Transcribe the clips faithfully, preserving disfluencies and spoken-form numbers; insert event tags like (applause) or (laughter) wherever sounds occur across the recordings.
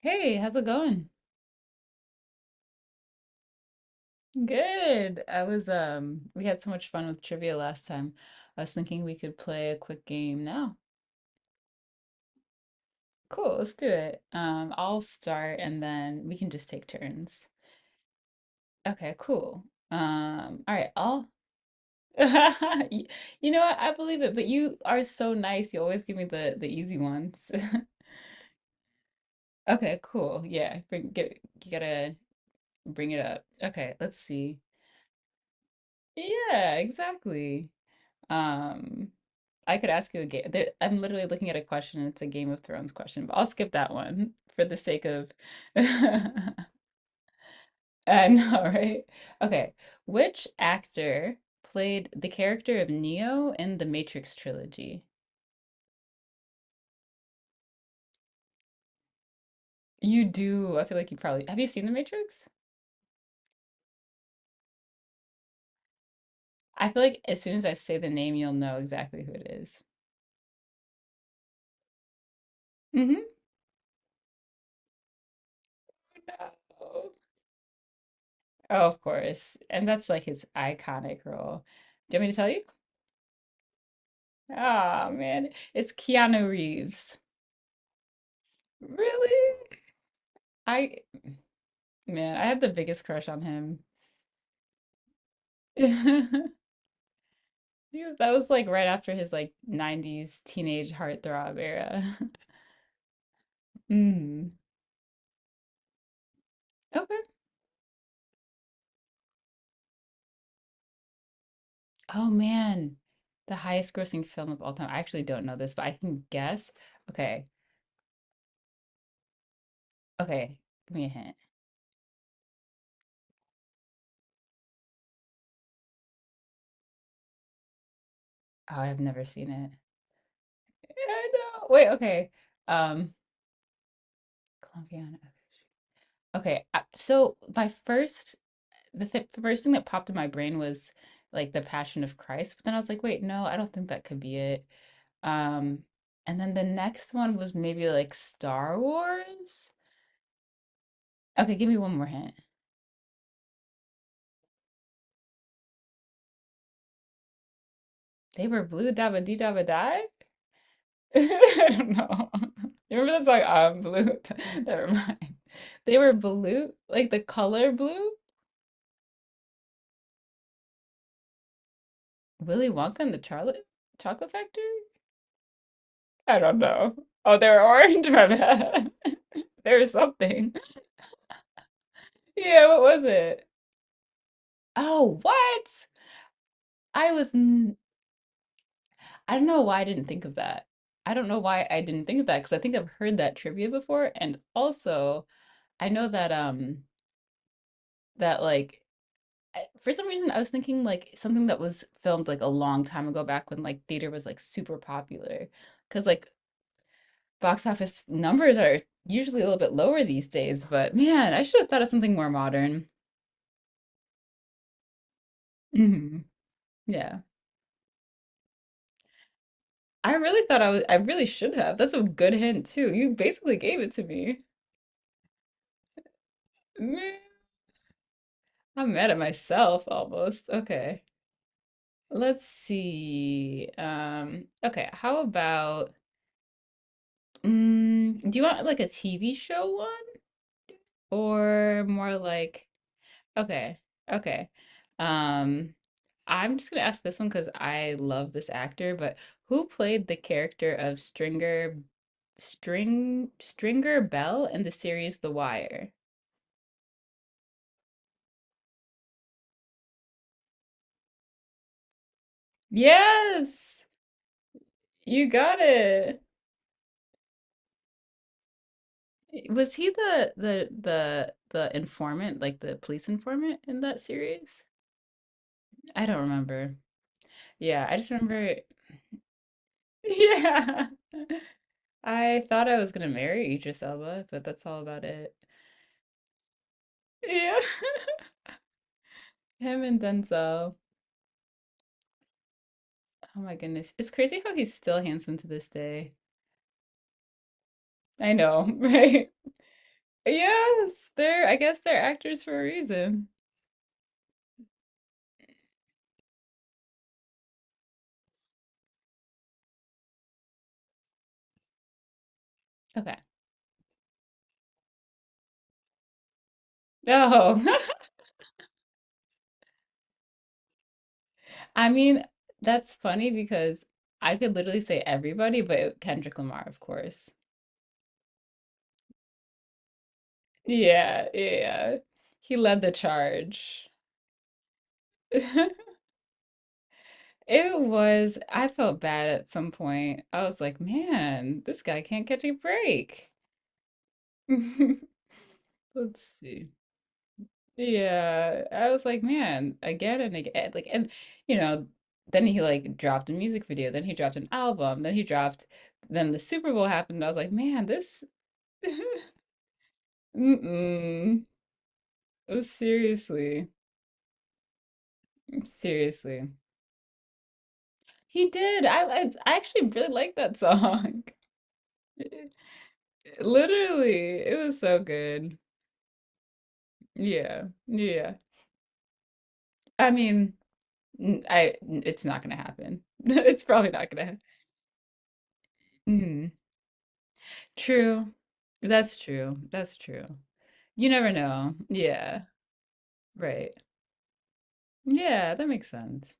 Hey, how's it going? Good. I was um we had so much fun with trivia last time. I was thinking we could play a quick game now. Cool, let's do it. Um I'll start and then we can just take turns. Okay, cool. Um all right, I'll (laughs) Y- You know what? I believe it, but you are so nice. You always give me the the easy ones. (laughs) Okay, cool. Yeah, bring get you gotta bring it up. Okay, let's see. Yeah, exactly. Um, I could ask you a game. There, I'm literally looking at a question, and it's a Game of Thrones question, but I'll skip that one for the sake of. (laughs) I know, right? Okay. Which actor played the character of Neo in the Matrix trilogy? You do. I feel like you probably have you seen The Matrix? I feel like as soon as I say the name, you'll know exactly who it is. Mm-hmm. No. Oh, of course. And that's like his iconic role. Do you want me to tell you? Ah, man, it's Keanu Reeves. Really? I, man, I had the biggest crush on him. (laughs) He was- That was like right after his like nineties teenage heartthrob era. (laughs) Mm. Okay. Oh man. The highest grossing film of all time. I actually don't know this, but I can guess. Okay. Okay. Give me a hint. Oh, I've never seen it. Yeah, I know. Wait, okay. Um, Colombiana. Okay. I- So my first the th the first thing that popped in my brain was like the Passion of Christ, but then I was like, wait, no, I don't think that could be it. Um, and then the next one was maybe like Star Wars. Okay, give me one more hint. They were blue dabba dee dabba die. (laughs) I don't know. (laughs) You remember that song? I'm blue. (laughs) Never mind. They were blue, like the color blue. Willy Wonka and the Charlotte Chocolate Factory. I don't know. Oh, they were orange. (laughs) My bad. (laughs) They were something. (laughs) Yeah, what was it? Oh, what? I was, n- I don't know why I didn't think of that. I don't know why I didn't think of that because I think I've heard that trivia before. And also, I know that, um, that like, I- for some reason, I was thinking like something that was filmed like a long time ago back when like theater was like super popular. Because like box office numbers are usually a little bit lower these days. But man, I should have thought of something more modern. hmm Yeah. I really thought I was, I really should have. That's a good hint too. You basically gave it to me. Meh, I'm mad at myself almost. Okay. Let's see. Um, okay, how about mm, do you want like a T V show one or more like okay, okay. Um, I'm just gonna ask this one because I love this actor, but who played the character of Stringer String Stringer Bell in the series The Wire? Yes, you got it. Was he the the the the informant, like the police informant in that series? I don't remember. Yeah, I just remember. (laughs) Yeah, I thought I was gonna marry Idris Elba, but that's all about it. Yeah, (laughs) him and Denzel. Oh my goodness, it's crazy how he's still handsome to this day. I know, (laughs) right? Yes, they're. I guess they're actors for a reason. Okay. No, (laughs) I mean that's funny because I could literally say everybody, but Kendrick Lamar, of course. Yeah, yeah, yeah. He led the charge. (laughs) It was, I felt bad at some point. I was like, man, this guy can't catch a break. (laughs) Let's see. Yeah, I was like, man, again and again. Like, and you know, then he like dropped a music video, then he dropped an album, then he dropped, then the Super Bowl happened. I was like, man, this, (laughs) mm-mm. Seriously, seriously. He did. I, I I actually really like that song. (laughs) Literally, it was so good. Yeah. Yeah. I mean, n- I n- it's not gonna happen. (laughs) It's probably not gonna happen. Mm. True. That's true. That's true. You never know. Yeah. Right. Yeah, that makes sense.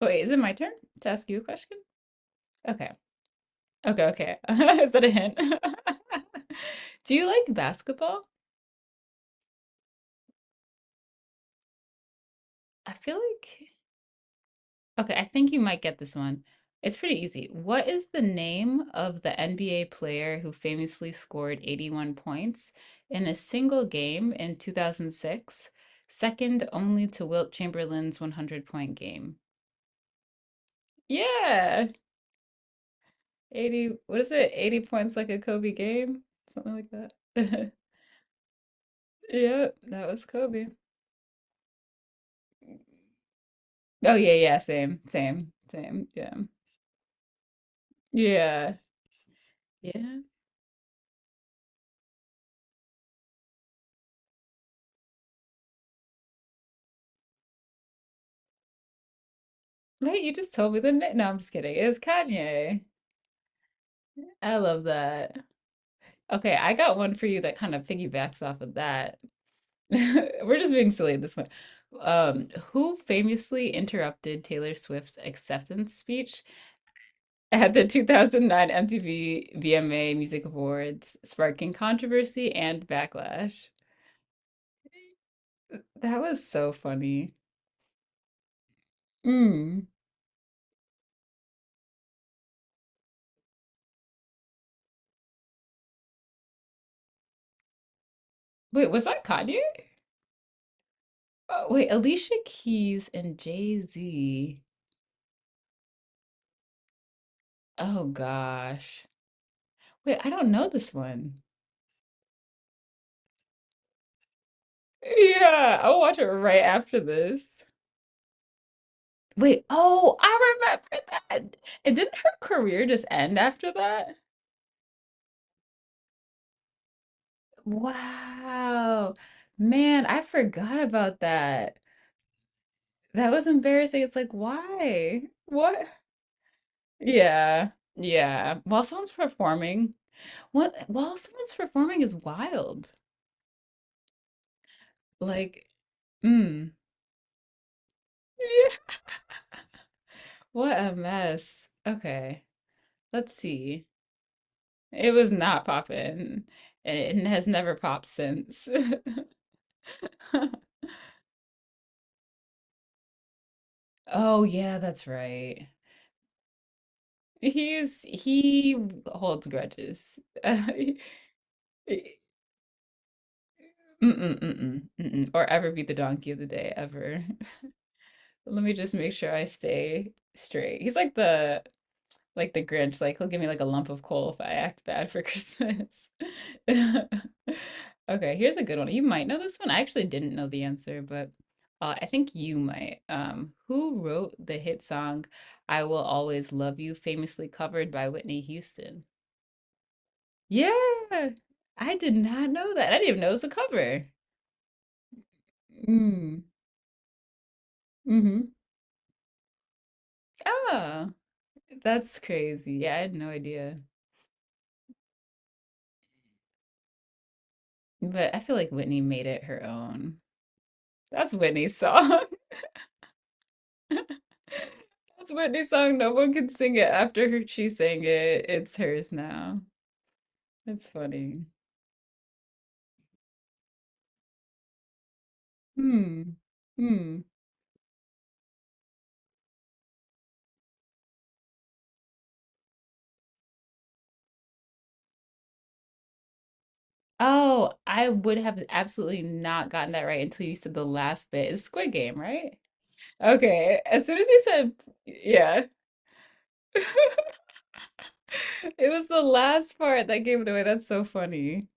Wait, is it my turn to ask you a question? Okay. Okay, okay. (laughs) Is that a hint? (laughs) Do you like basketball? I feel like okay, I think you might get this one. It's pretty easy. What is the name of the N B A player who famously scored eighty-one points in a single game in two thousand six, second only to Wilt Chamberlain's one hundred point game? Yeah, eighty, what is it? eighty points like a Kobe game? Something like that. (laughs) Yep, that was Kobe. Oh, yeah, yeah, same, same, same. Yeah. Yeah. Yeah. Wait, you just told me the name. No, I'm just kidding. It was Kanye. I love that. Okay, I got one for you that kind of piggybacks off of that. (laughs) We're just being silly at this point. Um, who famously interrupted Taylor Swift's acceptance speech at the two thousand nine M T V V M A Music Awards, sparking controversy and backlash? That was so funny. Mm. Wait, was that Kanye? Oh, wait, Alicia Keys and Jay-Z. Oh gosh. Wait, I don't know this one. Yeah, I'll watch it right after this. Wait, oh, I remember that. And didn't her career just end after that? Wow. Man, I forgot about that. That was embarrassing. It's like, why? What? Yeah. Yeah. While someone's performing, what while someone's performing is wild. Like, mm. Yeah. What a mess. Okay. Let's see. It was not popping, and it has never popped since. (laughs) Oh yeah, that's right. He's he holds grudges. (laughs) Mm-mm, mm-mm, mm-mm, or ever be the donkey of the day ever. (laughs) Let me just make sure I stay straight. He's like the like the Grinch, like he'll give me like a lump of coal if I act bad for (laughs) Christmas. (laughs) Okay, here's a good one. You might know this one. I actually didn't know the answer, but uh, I think you might. Um, who wrote the hit song "I Will Always Love You," famously covered by Whitney Houston? Yeah, I did not know that. I didn't even know it was a cover. Mm, mm-hmm. Oh, that's crazy. Yeah, I had no idea. But I feel like Whitney made it her own. That's Whitney's (laughs) song. That's Whitney's song. No one can sing it after her. She sang it. It's hers now. It's funny. Hmm. Hmm. Oh, I would have absolutely not gotten that right until you said the last bit. It's Squid Game, right? Okay. As soon as you said, yeah, (laughs) it was the last part that gave it away. That's so funny.